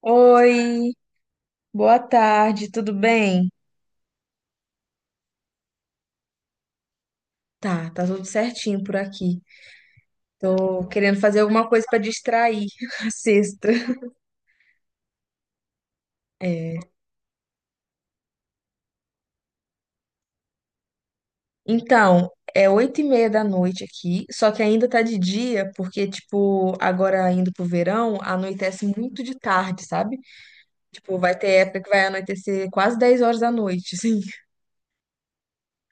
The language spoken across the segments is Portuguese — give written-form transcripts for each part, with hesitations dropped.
Oi, boa tarde, tudo bem? Tá, tá tudo certinho por aqui. Tô querendo fazer alguma coisa pra distrair a sexta. É. Então, é 8:30 da noite aqui, só que ainda tá de dia, porque, tipo, agora indo pro verão, anoitece muito de tarde, sabe? Tipo, vai ter época que vai anoitecer quase 10 horas da noite, assim.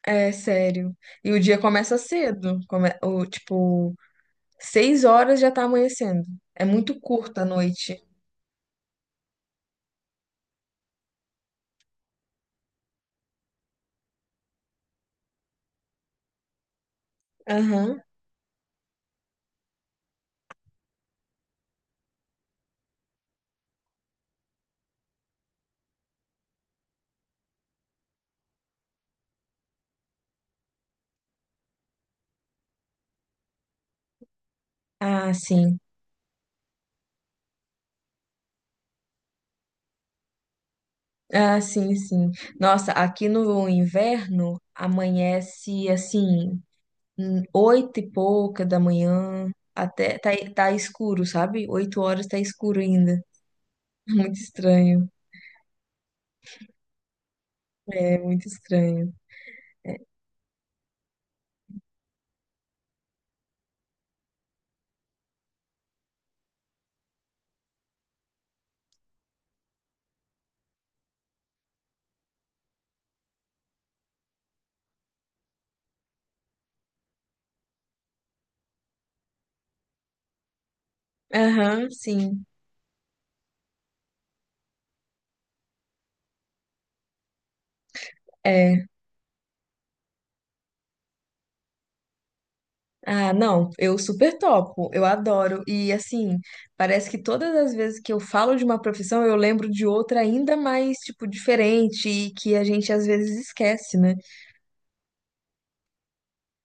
É sério. E o dia começa cedo, tipo, 6 horas já tá amanhecendo. É muito curta a noite. Aham. Ah, sim. Ah, sim, sim. Nossa, aqui no inverno amanhece assim, oito e pouca da manhã, até tá escuro, sabe? 8 horas tá escuro ainda. Muito estranho. É, muito estranho. Aham, sim. É. Ah, não, eu super topo, eu adoro. E assim, parece que todas as vezes que eu falo de uma profissão, eu lembro de outra ainda mais, tipo, diferente e que a gente às vezes esquece, né?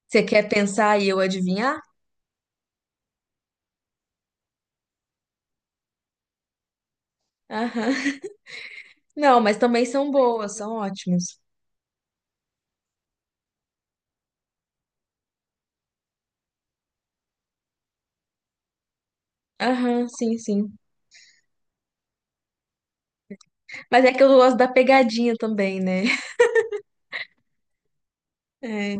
Você quer pensar e eu adivinhar? Aham. Não, mas também são boas, são ótimas. Aham, sim, sim. Mas é que eu gosto da pegadinha também, né? É,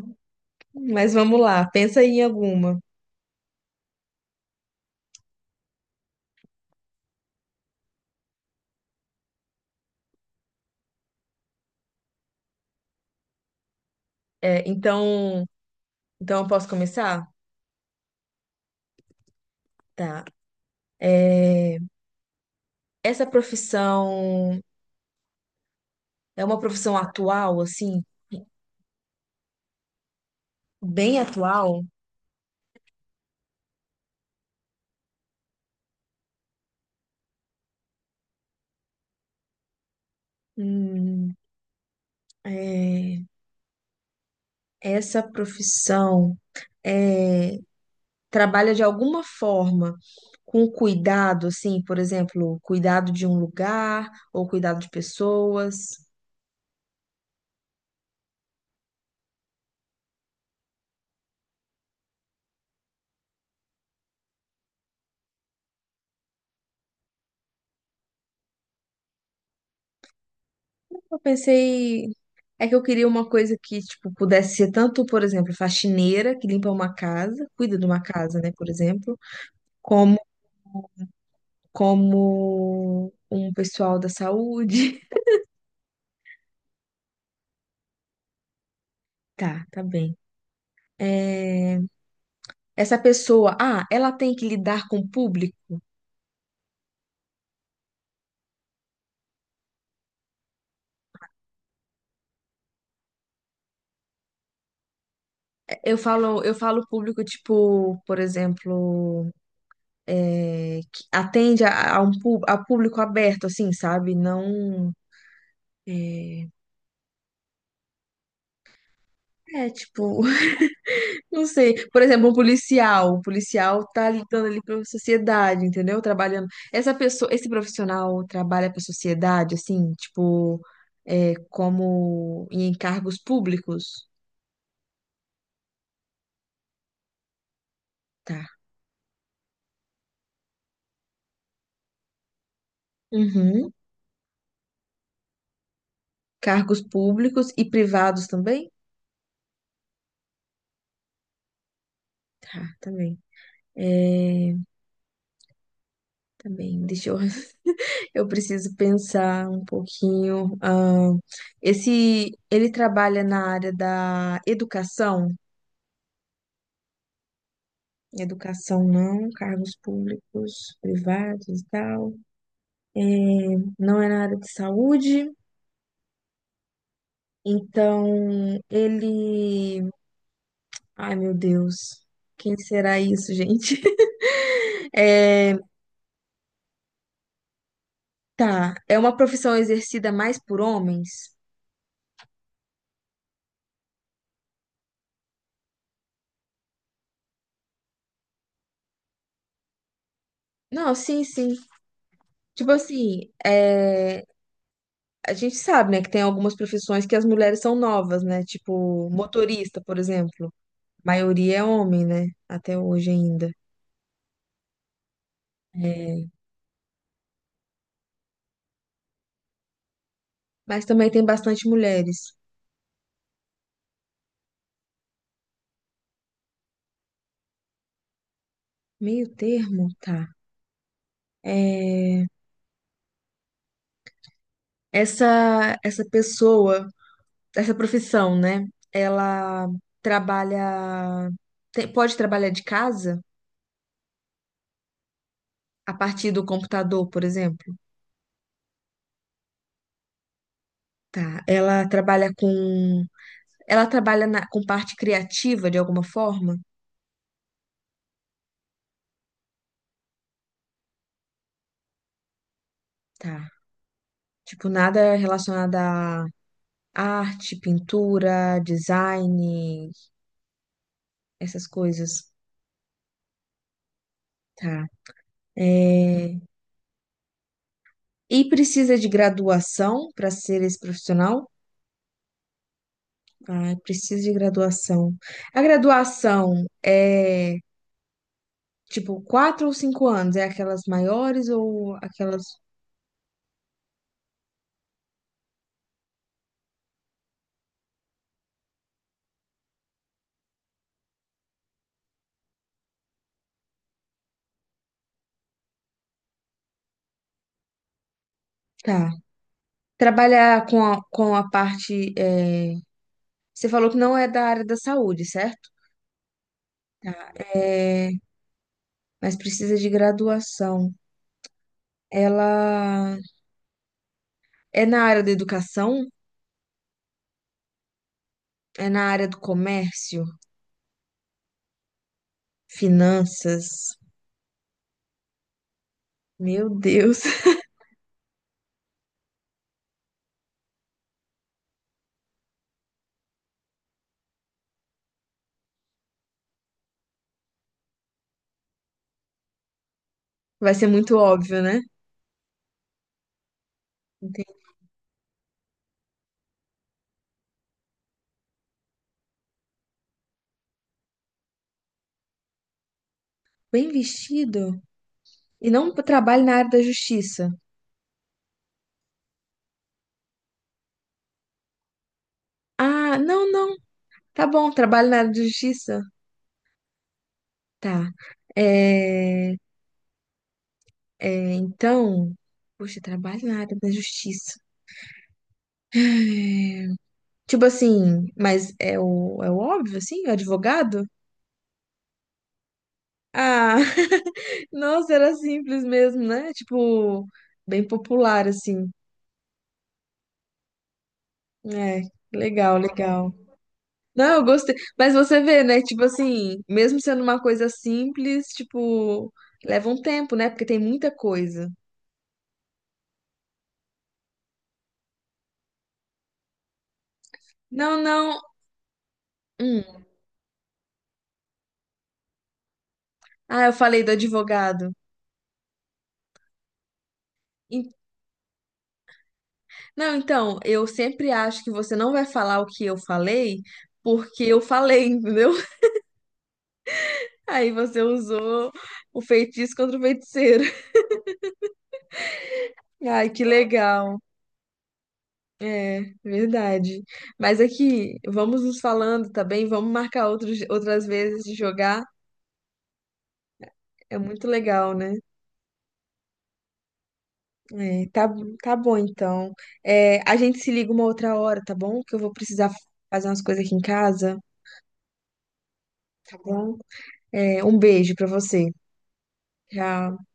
mas vamos lá, pensa aí em alguma. É, então, então eu posso começar? Tá. É, essa profissão é uma profissão atual, assim, bem atual? Hum, é, essa profissão é trabalha de alguma forma com cuidado, assim, por exemplo, cuidado de um lugar ou cuidado de pessoas. Eu pensei, é que eu queria uma coisa que, tipo, pudesse ser tanto, por exemplo, faxineira, que limpa uma casa, cuida de uma casa, né, por exemplo, como como um pessoal da saúde. Tá, tá bem. É, Essa pessoa, ela tem que lidar com o público. Eu falo público, tipo, por exemplo, que atende a um pú- a público aberto, assim, sabe? Não. É, tipo, não sei. Por exemplo, um policial. O policial tá lidando ali pra sociedade, entendeu? Trabalhando. Essa pessoa, esse profissional trabalha pra sociedade, assim, tipo, como em cargos públicos. Tá. Uhum. Cargos públicos e privados também? Tá, também. É, também. Deixa eu. Eu preciso pensar um pouquinho. Esse, ele trabalha na área da educação? Educação não, cargos públicos, privados e tal. É, não é na área de saúde. Então, ele. Ai, meu Deus. Quem será isso, gente? É, tá. É uma profissão exercida mais por homens? Não, sim, sim. Tipo assim, é. A gente sabe, né, que tem algumas profissões que as mulheres são novas, né? Tipo, motorista, por exemplo. A maioria é homem, né? Até hoje ainda. É, mas também tem bastante mulheres. Meio termo, tá. É, essa pessoa, essa profissão, né? Ela trabalha, te- pode trabalhar de casa a partir do computador, por exemplo. Tá. Ela trabalha na- com parte criativa de alguma forma. Tá. Tipo, nada relacionado a arte, pintura, design, essas coisas. Tá. É, E precisa de graduação para ser esse profissional? Ah, precisa de graduação. A graduação é tipo 4 ou 5 anos? É aquelas maiores ou aquelas. Tá. Com a parte. Você falou que não é da área da saúde, certo? É, mas precisa de graduação. Ela. É na área da educação? É na área do comércio? Finanças? Meu Deus. Vai ser muito óbvio, né? Entendi. Bem vestido? E não trabalho na área da justiça. Ah, não, não. Tá bom, trabalho na área da justiça. Tá. É, então. Poxa, trabalho na área da justiça. Tipo assim, mas é é o óbvio, assim? O advogado? Ah, Nossa, era simples mesmo, né? Tipo, bem popular, assim. É, legal, legal. Não, eu gostei. Mas você vê, né? Tipo assim, mesmo sendo uma coisa simples, tipo, leva um tempo, né? Porque tem muita coisa. Não, não. Hum. Ah, eu falei do advogado. En- Não, então, eu sempre acho que você não vai falar o que eu falei, porque eu falei, entendeu? Aí você usou o feitiço contra o feiticeiro. Ai, que legal. É, verdade. Mas aqui, vamos nos falando, tá bem? Vamos marcar outras vezes de jogar. É muito legal, né? É, tá, tá bom, então. É, a gente se liga uma outra hora, tá bom? Que eu vou precisar fazer umas coisas aqui em casa, tá bom? É, um beijo pra você. Tchau.